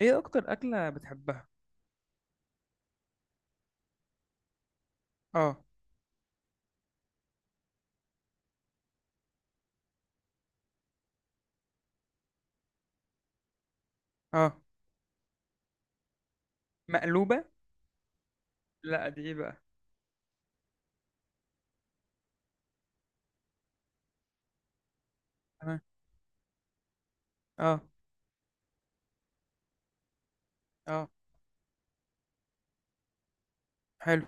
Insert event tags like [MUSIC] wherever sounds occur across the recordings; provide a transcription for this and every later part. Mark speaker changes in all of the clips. Speaker 1: ايه اكتر اكله بتحبها؟ اه. اه. مقلوبه. لا، دي ايه بقى؟ تمام. اه. اه. حلو.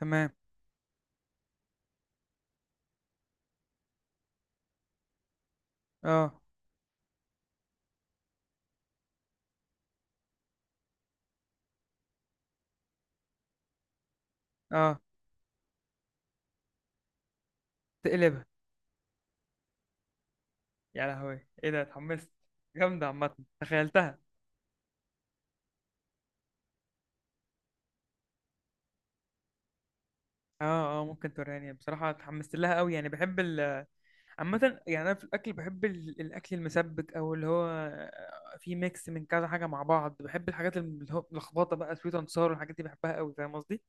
Speaker 1: تمام. اه. اه. تقلبها. يا لهوي، ايه ده، اتحمست. جامده، عامه تخيلتها. اه. اه، ممكن توريني، بصراحه اتحمست لها قوي، يعني بحب ال عامه، يعني انا في الاكل بحب الاكل المسبك او اللي هو فيه ميكس من كذا حاجه مع بعض. بحب الحاجات اللي هو لخبطه بقى، سويت اند والحاجات دي بحبها قوي. فاهم قصدي؟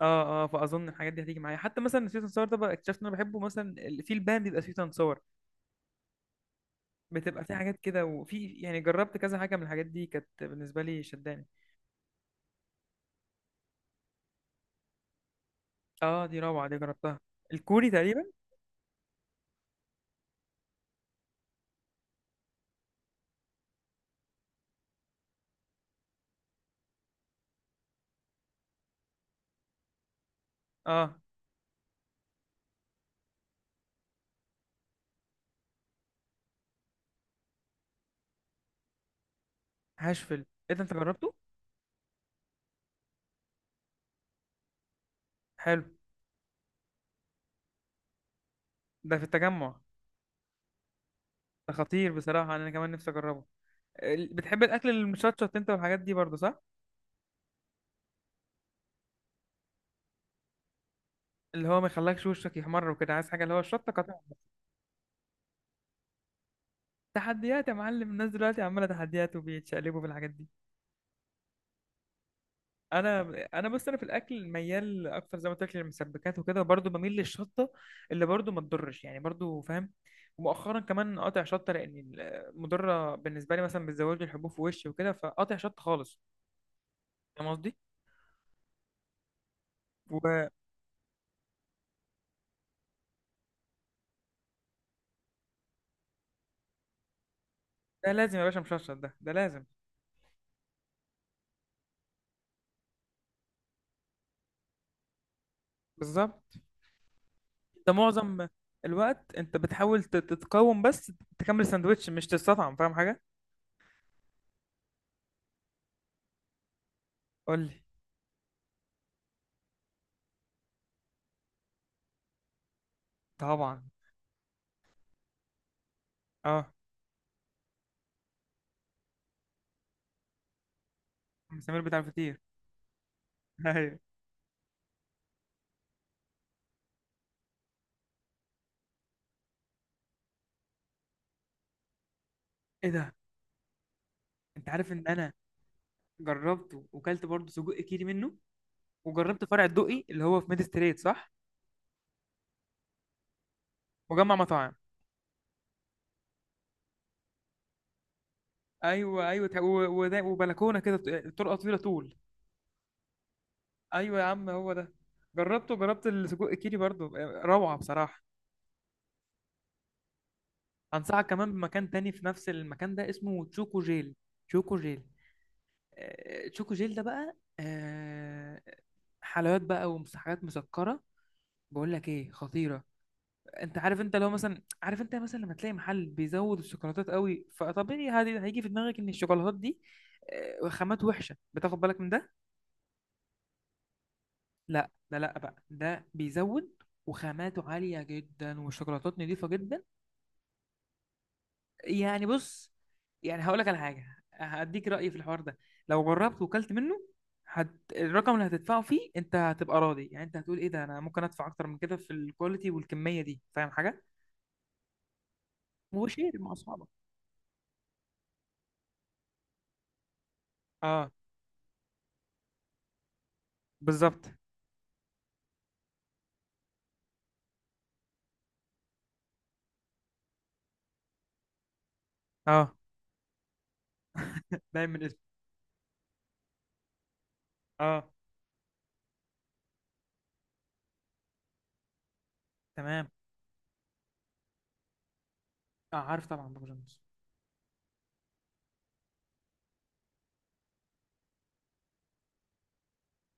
Speaker 1: اه. اه، فاظن الحاجات دي هتيجي معايا. حتى مثلا سويت اند ساور ده بقى اكتشفت ان انا بحبه. مثلا في البان بيبقى سويت اند ساور. بتبقى في حاجات كده، وفي يعني جربت كذا حاجه من الحاجات دي كانت بالنسبه لي شداني. اه، دي روعه، دي جربتها. الكوري تقريبا. اه. هاشفل، ايه ده، انت جربته؟ حلو. ده في التجمع؟ ده خطير بصراحه، انا كمان نفسي اجربه. بتحب الاكل المشطشط انت والحاجات دي برضه، صح؟ اللي هو ما يخلكش وشك يحمر وكده، عايز حاجه اللي هو الشطه قطع. تحديات يا معلم، الناس دلوقتي عماله تحديات وبيتشقلبوا في الحاجات دي. انا انا بس انا في الاكل ميال اكتر زي ما قلت لك للمسبكات وكده، وبرضه بميل للشطه اللي برضه ما تضرش، يعني برضه، فاهم. ومؤخرا كمان قاطع شطه، لان مضره بالنسبه لي، مثلا بتزود لي الحبوب في وشي وكده، فقاطع شطه خالص. فاهم قصدي؟ وده لازم يا باشا، مشطشط ده، ده لازم. بالظبط. انت معظم الوقت انت بتحاول تتقاوم بس تكمل الساندوتش، مش تستطعم. فاهم حاجه؟ قول لي. طبعا. اه. سمير بتاع الفطير؟ [LAUGHS] ايوه. ايه ده. انت عارف ان انا جربته وكلت برضه سجق كيري منه، وجربت فرع الدقي اللي هو في ميد ستريت، صح؟ مجمع مطاعم. ايوه ايوه، وبلكونه كده، طرقه طويله طول. ايوه يا عم، هو ده. جربته، جربت السجق كيري برضه، روعه بصراحه. انصحك كمان بمكان تاني في نفس المكان ده، اسمه تشوكو جيل. تشوكو جيل. تشوكو جيل ده بقى، حلويات بقى ومسحات مسكره. بقول لك ايه، خطيره. انت عارف، انت لو مثلا عارف، انت مثلا لما تلاقي محل بيزود الشوكولاتات قوي، فطبيعي هذه هيجي في دماغك ان الشوكولاتات دي وخامات وحشه، بتاخد بالك من ده. لا، ده لا بقى، ده بيزود وخاماته عاليه جدا والشوكولاتات نضيفه جدا. يعني بص، يعني هقول لك على حاجه، هديك رايي في الحوار ده. لو جربت وكلت منه هت... الرقم اللي هتدفعه فيه، انت هتبقى راضي. يعني انت هتقول ايه ده، انا ممكن ادفع اكتر من كده في الكواليتي والكميه دي. فاهم حاجه؟ وشير مع اصحابك. اه، بالظبط. اه. باين من اسمه. اه. تمام. اه، عارف طبعا بابا جونز.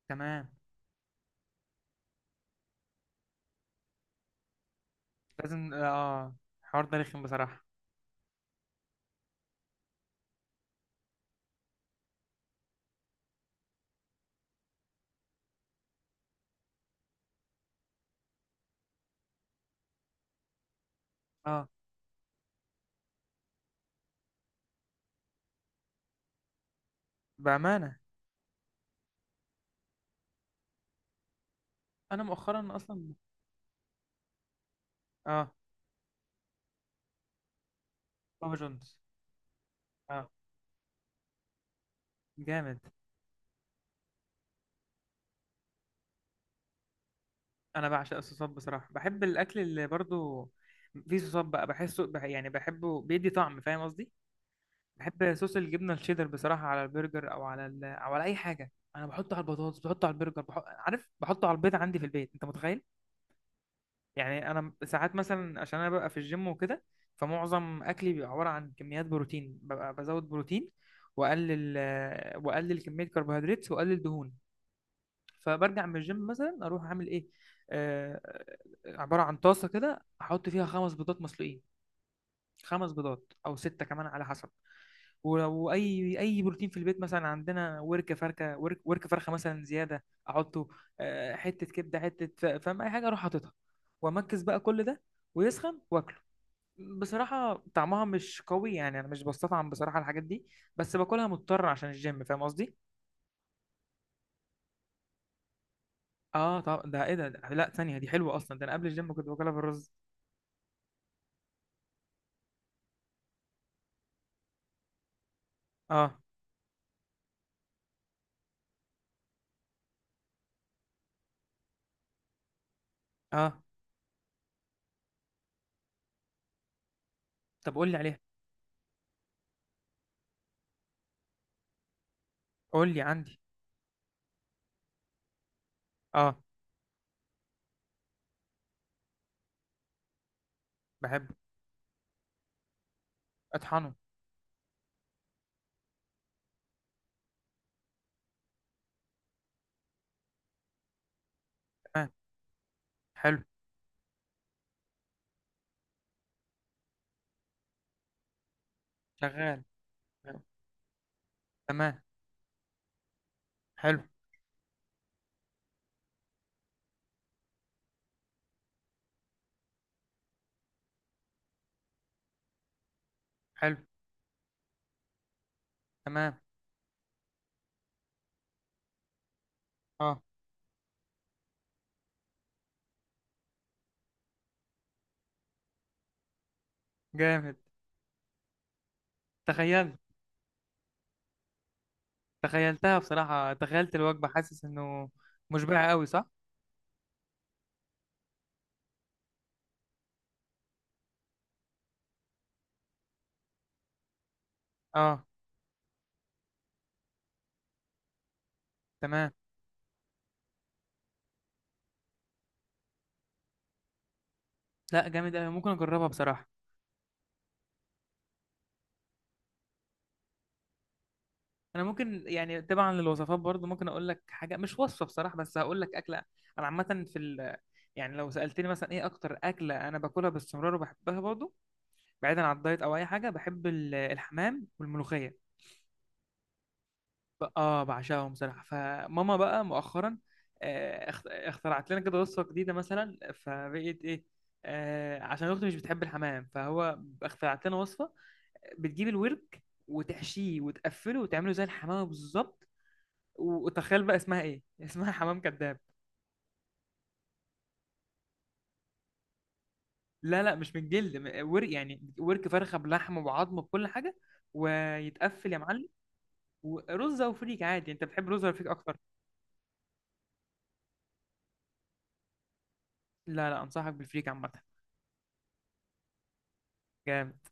Speaker 1: تمام. لازم. اه، الحوار ده رخم بصراحة. اه. بأمانة. أنا مؤخرا أصلا. اه، بابا جونز. اه. جامد. أنا بعشق الصوصات بصراحة، بحب الأكل اللي برضو فيه صوصات بقى، بحسه يعني بحبه بيدي طعم. فاهم قصدي؟ بحب صوص الجبنة الشيدر بصراحة، على البرجر أو على أو على أي حاجة. أنا بحطه على البطاطس، بحطه على البرجر، عارف، بحطه على البيض عندي في البيت. أنت متخيل؟ يعني انا ساعات مثلا، عشان انا ببقى في الجيم وكده، فمعظم اكلي بيبقى عباره عن كميات بروتين، ببقى بزود بروتين واقلل، واقلل كميه كربوهيدرات واقلل دهون. فبرجع من الجيم مثلا، اروح اعمل ايه، آه، عباره عن طاسه كده، احط فيها خمس بيضات مسلوقين. خمس بيضات او سته كمان، على حسب. ولو اي اي بروتين في البيت، مثلا عندنا ورك فرخه مثلا زياده، احطه. حته كبده، حته، فاهم، اي حاجه اروح حاططها، وامكس بقى كل ده ويسخن واكله. بصراحه طعمها مش قوي، يعني انا مش بستطعم بصراحه الحاجات دي، بس باكلها مضطر عشان الجيم. فاهم قصدي؟ اه، طب ده ايه ده، ده لا، ثانيه دي حلوه اصلا، ده انا قبل الجيم كنت باكلها بالرز. اه. اه. طب قول لي عليها. قول لي، عندي. اه. بحبه. اطحنه. تمام. حلو. شغال. تمام. حلو. حلو. تمام. اه. جامد. تخيلت. تخيلتها بصراحة، تخيلت الوجبة. حاسس انه مشبع قوي، صح؟ اه. تمام. لا، جامد قوي، ممكن اجربها بصراحة. انا ممكن، يعني تبعا للوصفات برضو، ممكن اقول لك حاجة، مش وصفة بصراحة، بس هقول لك اكلة. انا عامة في ال... يعني لو سألتني مثلا ايه اكتر اكلة انا باكلها باستمرار وبحبها برضو، بعيدا عن الدايت او اي حاجة، بحب الحمام والملوخية. اه، بعشقهم بصراحه. فماما بقى مؤخرا اخترعت لنا كده وصفه جديده، مثلا فبقيت ايه، عشان اختي مش بتحب الحمام، فهو اخترعت لنا وصفه. بتجيب الورك وتحشيه وتقفله وتعمله زي الحمام بالظبط. وتخيل بقى اسمها ايه، [LAUGHS] اسمها حمام كذاب. لا لا، مش من الجلد، ورك، يعني ورك فرخه بلحم وبعظم بكل حاجه، ويتقفل يا معلم. ورز او فريك، عادي، انت بتحب رز ولا فريك اكتر؟ لا لا، انصحك بالفريك عامه. جامد.